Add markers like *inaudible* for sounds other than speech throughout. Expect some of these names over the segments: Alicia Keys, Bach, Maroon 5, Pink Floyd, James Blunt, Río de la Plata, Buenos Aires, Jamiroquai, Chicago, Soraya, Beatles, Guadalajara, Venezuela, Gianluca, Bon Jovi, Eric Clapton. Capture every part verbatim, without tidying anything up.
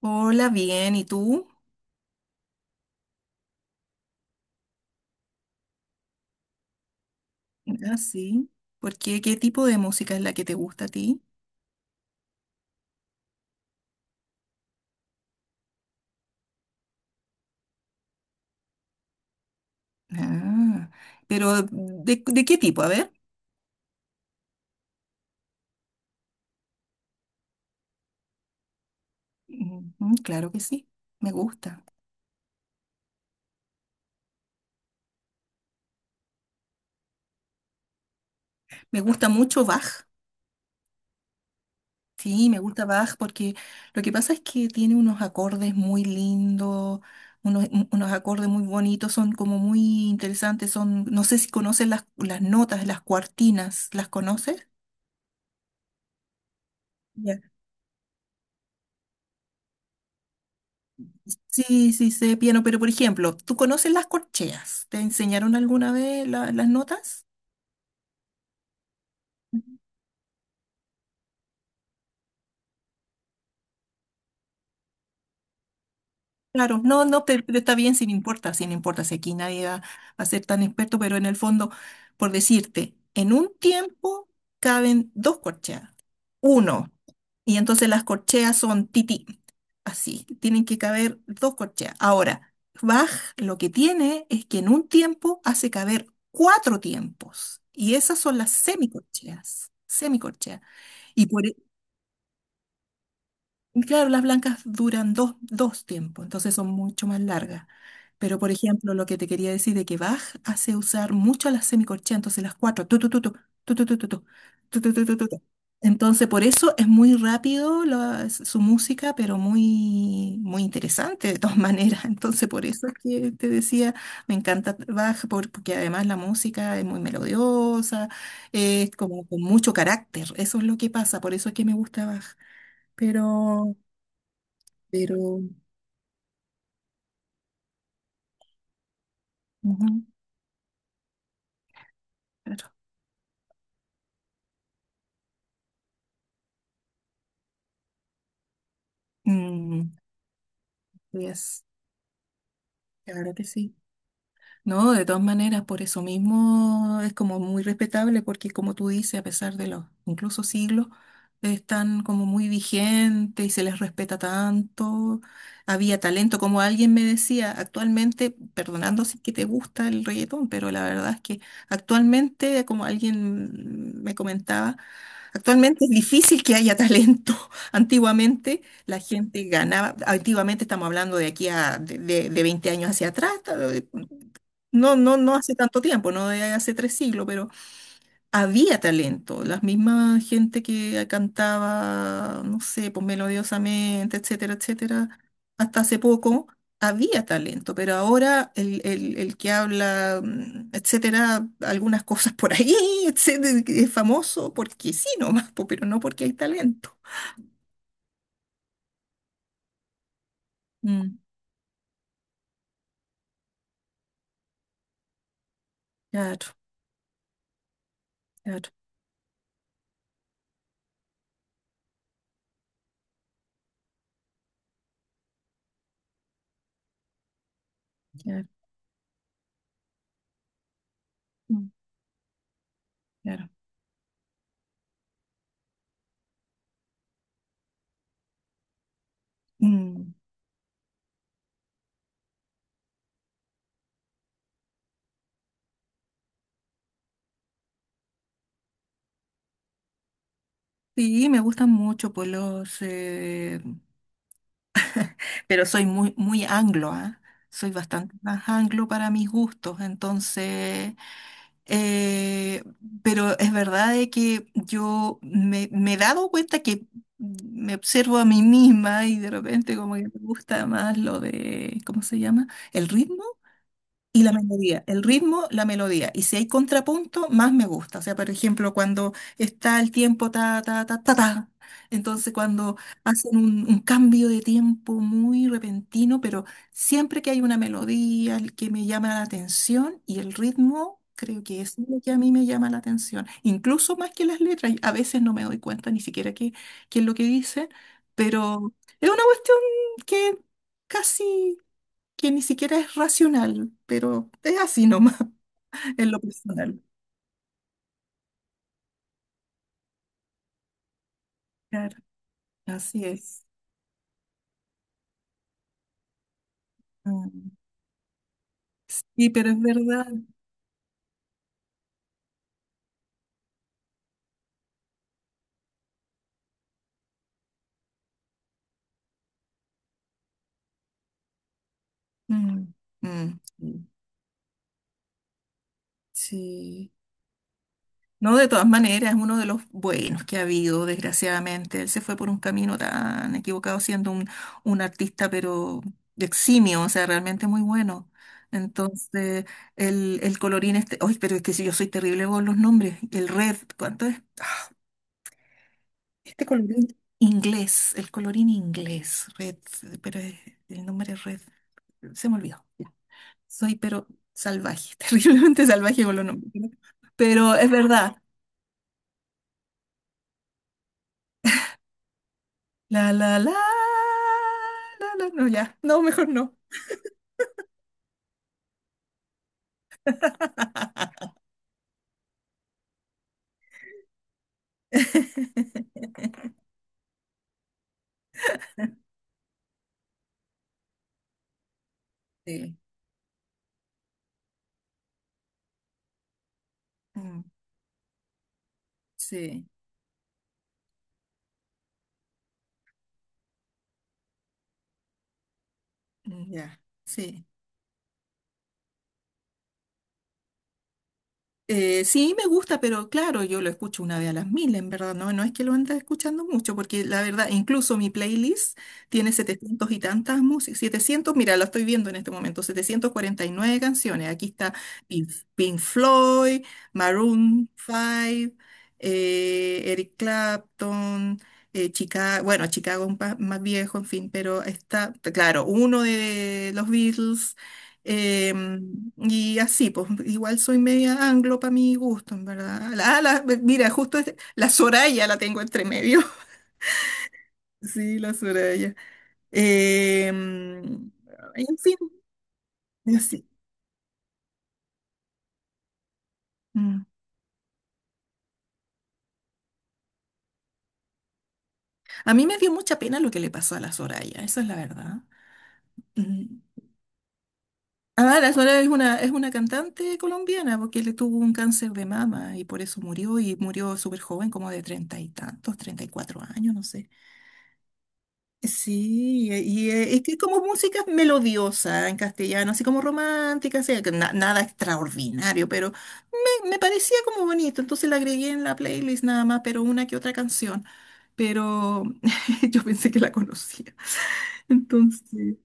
Hola, bien, ¿y tú? Ah, sí. ¿Por qué? ¿Qué tipo de música es la que te gusta a ti? Ah, pero ¿de, de qué tipo? A ver. Ujú, claro que sí, me gusta. Me gusta mucho Bach. Sí, me gusta Bach porque lo que pasa es que tiene unos acordes muy lindos, unos, un- unos acordes muy bonitos, son como muy interesantes, son, no sé si conoces las, las notas, las cuartinas, ¿las conoces? Sí, sí, sé piano, pero por ejemplo, ¿tú conoces las corcheas? ¿Te enseñaron alguna vez la- las notas? Claro, no, no, pero, pero está bien si no importa, si no importa, si aquí nadie va a ser tan experto, pero en el fondo, por decirte, en un tiempo caben dos corcheas, uno, y entonces las corcheas son tití, así, tienen que caber dos corcheas. Ahora, Bach lo que tiene es que en un tiempo hace caber cuatro tiempos, y esas son las semicorcheas, semicorcheas. Y por, e y Claro, las blancas duran dos, dos tiempos, entonces son mucho más largas. Pero, por ejemplo, lo que te quería decir de que Bach hace usar mucho las semicorcheas, entonces las cuatro, tu, tu, tu, tu, tu, tu, tu, tu, tu, tu, tu, tu, tu, tu, tu. Entonces, por eso es muy rápido la- su música, pero muy, muy interesante de todas *laughs* maneras. Entonces, por eso es que te decía, me encanta Bach, por- porque además la música es muy melodiosa, es como con mucho carácter. Eso es lo que pasa, por eso es que me gusta Bach. Pero pero Ujú, claro. Mm, yes, claro que sí. No, de todas maneras, por eso mismo es como muy respetable porque como tú dices, a pesar de los incluso siglos, están como muy vigentes y se les respeta tanto. Había talento, como alguien me decía, actualmente, perdonando si es que te gusta el reggaetón, pero la verdad es que actualmente, como alguien me comentaba, actualmente es difícil que haya talento. *laughs* Antiguamente la gente ganaba, antiguamente estamos hablando de aquí a de, de- de veinte años hacia atrás, ta- no, no, no hace tanto tiempo, no de hace tres siglos, pero había talento, la misma gente que cantaba, no sé, pues melodiosamente, etcétera, etcétera, hasta hace poco había talento, pero ahora el, el, el que habla, mm, etcétera, algunas cosas por ahí, *laughs* etcétera, que es famoso porque sí nomás, po, pero no porque hay talento. Mm, claro, claro, claro, mm, claro. Mm. Sí, me gustan mucho pues los eh, pero soy muy, muy anglo, ¿ah? Soy bastante más anglo para mis gustos, entonces, eh, pero es verdad de que yo me, me he dado cuenta que me observo a mí misma y de repente como que me gusta más lo de, ¿cómo se llama? El ritmo. Y la melodía, el ritmo, la melodía. Y si hay contrapunto, más me gusta. O sea, por ejemplo, cuando está el tiempo ta, ta, ta, ta, ta. Entonces, cuando hacen un, un cambio de tiempo muy repentino, pero siempre que hay una melodía el que me llama la atención y el ritmo, creo que es lo que a mí me llama la atención. Incluso más que las letras. A veces no me doy cuenta ni siquiera qué, qué es lo que dicen, pero es una cuestión que casi que ni siquiera es racional, pero es así nomás, *laughs* en lo personal. Claro, así es. Mm. Y pero es verdad. Mm, mm, mm. Sí. No, de todas maneras, es uno de los buenos que ha habido, desgraciadamente. Él se fue por un camino tan equivocado siendo un, un artista, pero eximio, o sea, realmente muy bueno. Entonces, el, el colorín este, ay, pero es que si yo soy terrible con los nombres, el Red, ¿cuánto es? Este colorín inglés, el colorín inglés, red, pero es- el nombre es red, se me olvidó. Ya. Soy pero salvaje, *laughs* terriblemente salvaje con los nombres. ¿No? Pero es verdad. La, la, la, la, la, no, ya. No, mejor no. *laughs* Sí, mm, sí, mm, ya, sí. Eh, sí, me gusta, pero claro, yo lo escucho una vez a las mil, en verdad, no, no es que lo ande escuchando mucho, porque la verdad, incluso mi playlist tiene setecientas y tantas músicas, setecientas, mira, lo estoy viendo en este momento, setecientas cuarenta y nueve canciones, aquí está Pink, Pink Floyd, Maroon 5, eh, Eric Clapton, Chicago, bueno, Chicago un pa- más viejo, en fin, pero está, claro, uno de los Beatles, Em, y así, pues igual soy media anglo para mi gusto, en verdad. La- la- mira, justo este- la Soraya la tengo entre medio. *laughs* Sí, la Soraya. Em, en fin, así. Mm. A mí me dio mucha pena lo que le pasó a la Soraya, esa es la verdad. Mm. Ah, la Soraya es una, es una cantante colombiana porque le tuvo un cáncer de mama y por eso murió y murió súper joven, como de treinta y tantos, treinta y cuatro años, no sé. Sí, eh, y eh, es que como música melodiosa en castellano, así como romántica, así, que na- nada extraordinario, pero me, me parecía como bonito, entonces la agregué en la playlist nada más, pero una que otra canción, pero *laughs* yo pensé que la conocía. Entonces,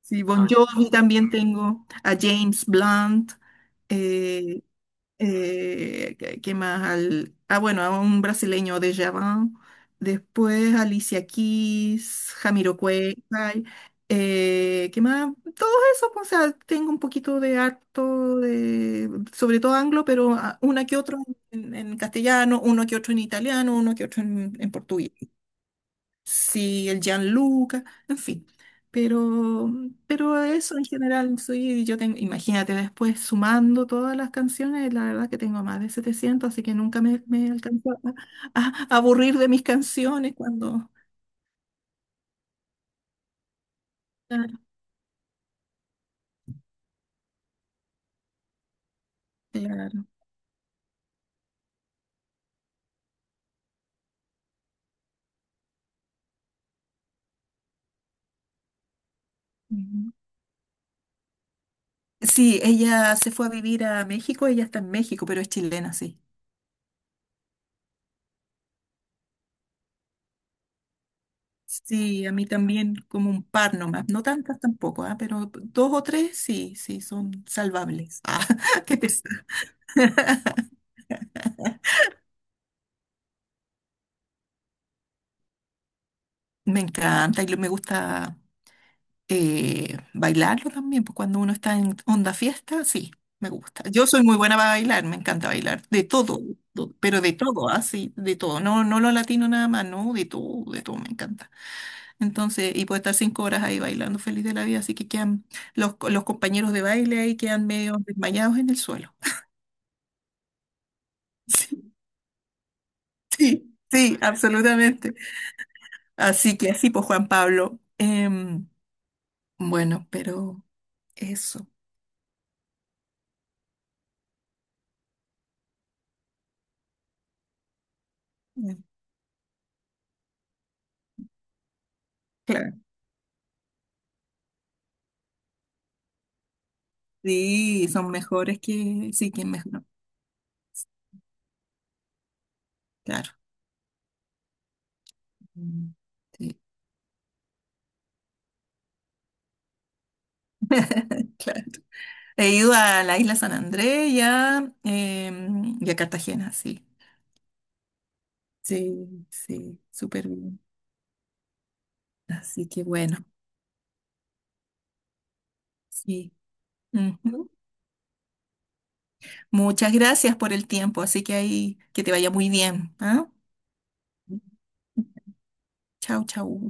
sí, Bon Ah, Jovi también tengo, a James Blunt, eh, eh, ¿qué qué más? Al, ah, bueno, a un brasileño de Javan. Después Alicia Keys, Jamiroquai. Eh, ¿qué más? Todo eso, pues, o sea, tengo un poquito de harto, de, sobre todo anglo, pero ah, una que otro en, en castellano, uno que otro en italiano, uno que otro en, en portugués. Sí, el Gianluca, en fin. Pero, pero eso en general, soy, yo tengo, imagínate, después sumando todas las canciones, la verdad que tengo más de setecientos así que nunca me, me alcanzó a, a- a aburrir de mis canciones cuando... Claro, claro. Ujú. Sí, ella se fue a vivir a México, ella está en México, pero es chilena, sí. Sí, a mí también como un par nomás, no tantas tampoco, ah, pero dos o tres sí, sí, son salvables. *laughs* Ah, qué pesar. *laughs* Me encanta y lo- me gusta eh, bailarlo también, pues cuando uno está en onda fiesta, sí, me gusta. Yo soy muy buena para bailar, me encanta bailar, de todo, do- pero de todo, así, de todo. No, no lo latino nada más, no, de todo, de todo, me encanta. Entonces, y puedo estar cinco horas ahí bailando feliz de la vida, así que quedan los, co- los compañeros de baile ahí quedan medio desmayados en el suelo. *laughs* Sí, sí, absolutamente. Así que así, pues Juan Pablo. Em, bueno, pero eso. em, claro. Sí, son mejores que... Sí, que mejor. Claro. Mm. Sí. *laughs* Claro. He ido a la isla San Andrés y a, em, y a Cartagena, sí. Sí, sí, súper bien. Así que bueno, sí. Ujú. Muchas gracias por el tiempo, así que ahí que te vaya muy bien, ¿ah? Chau, chau.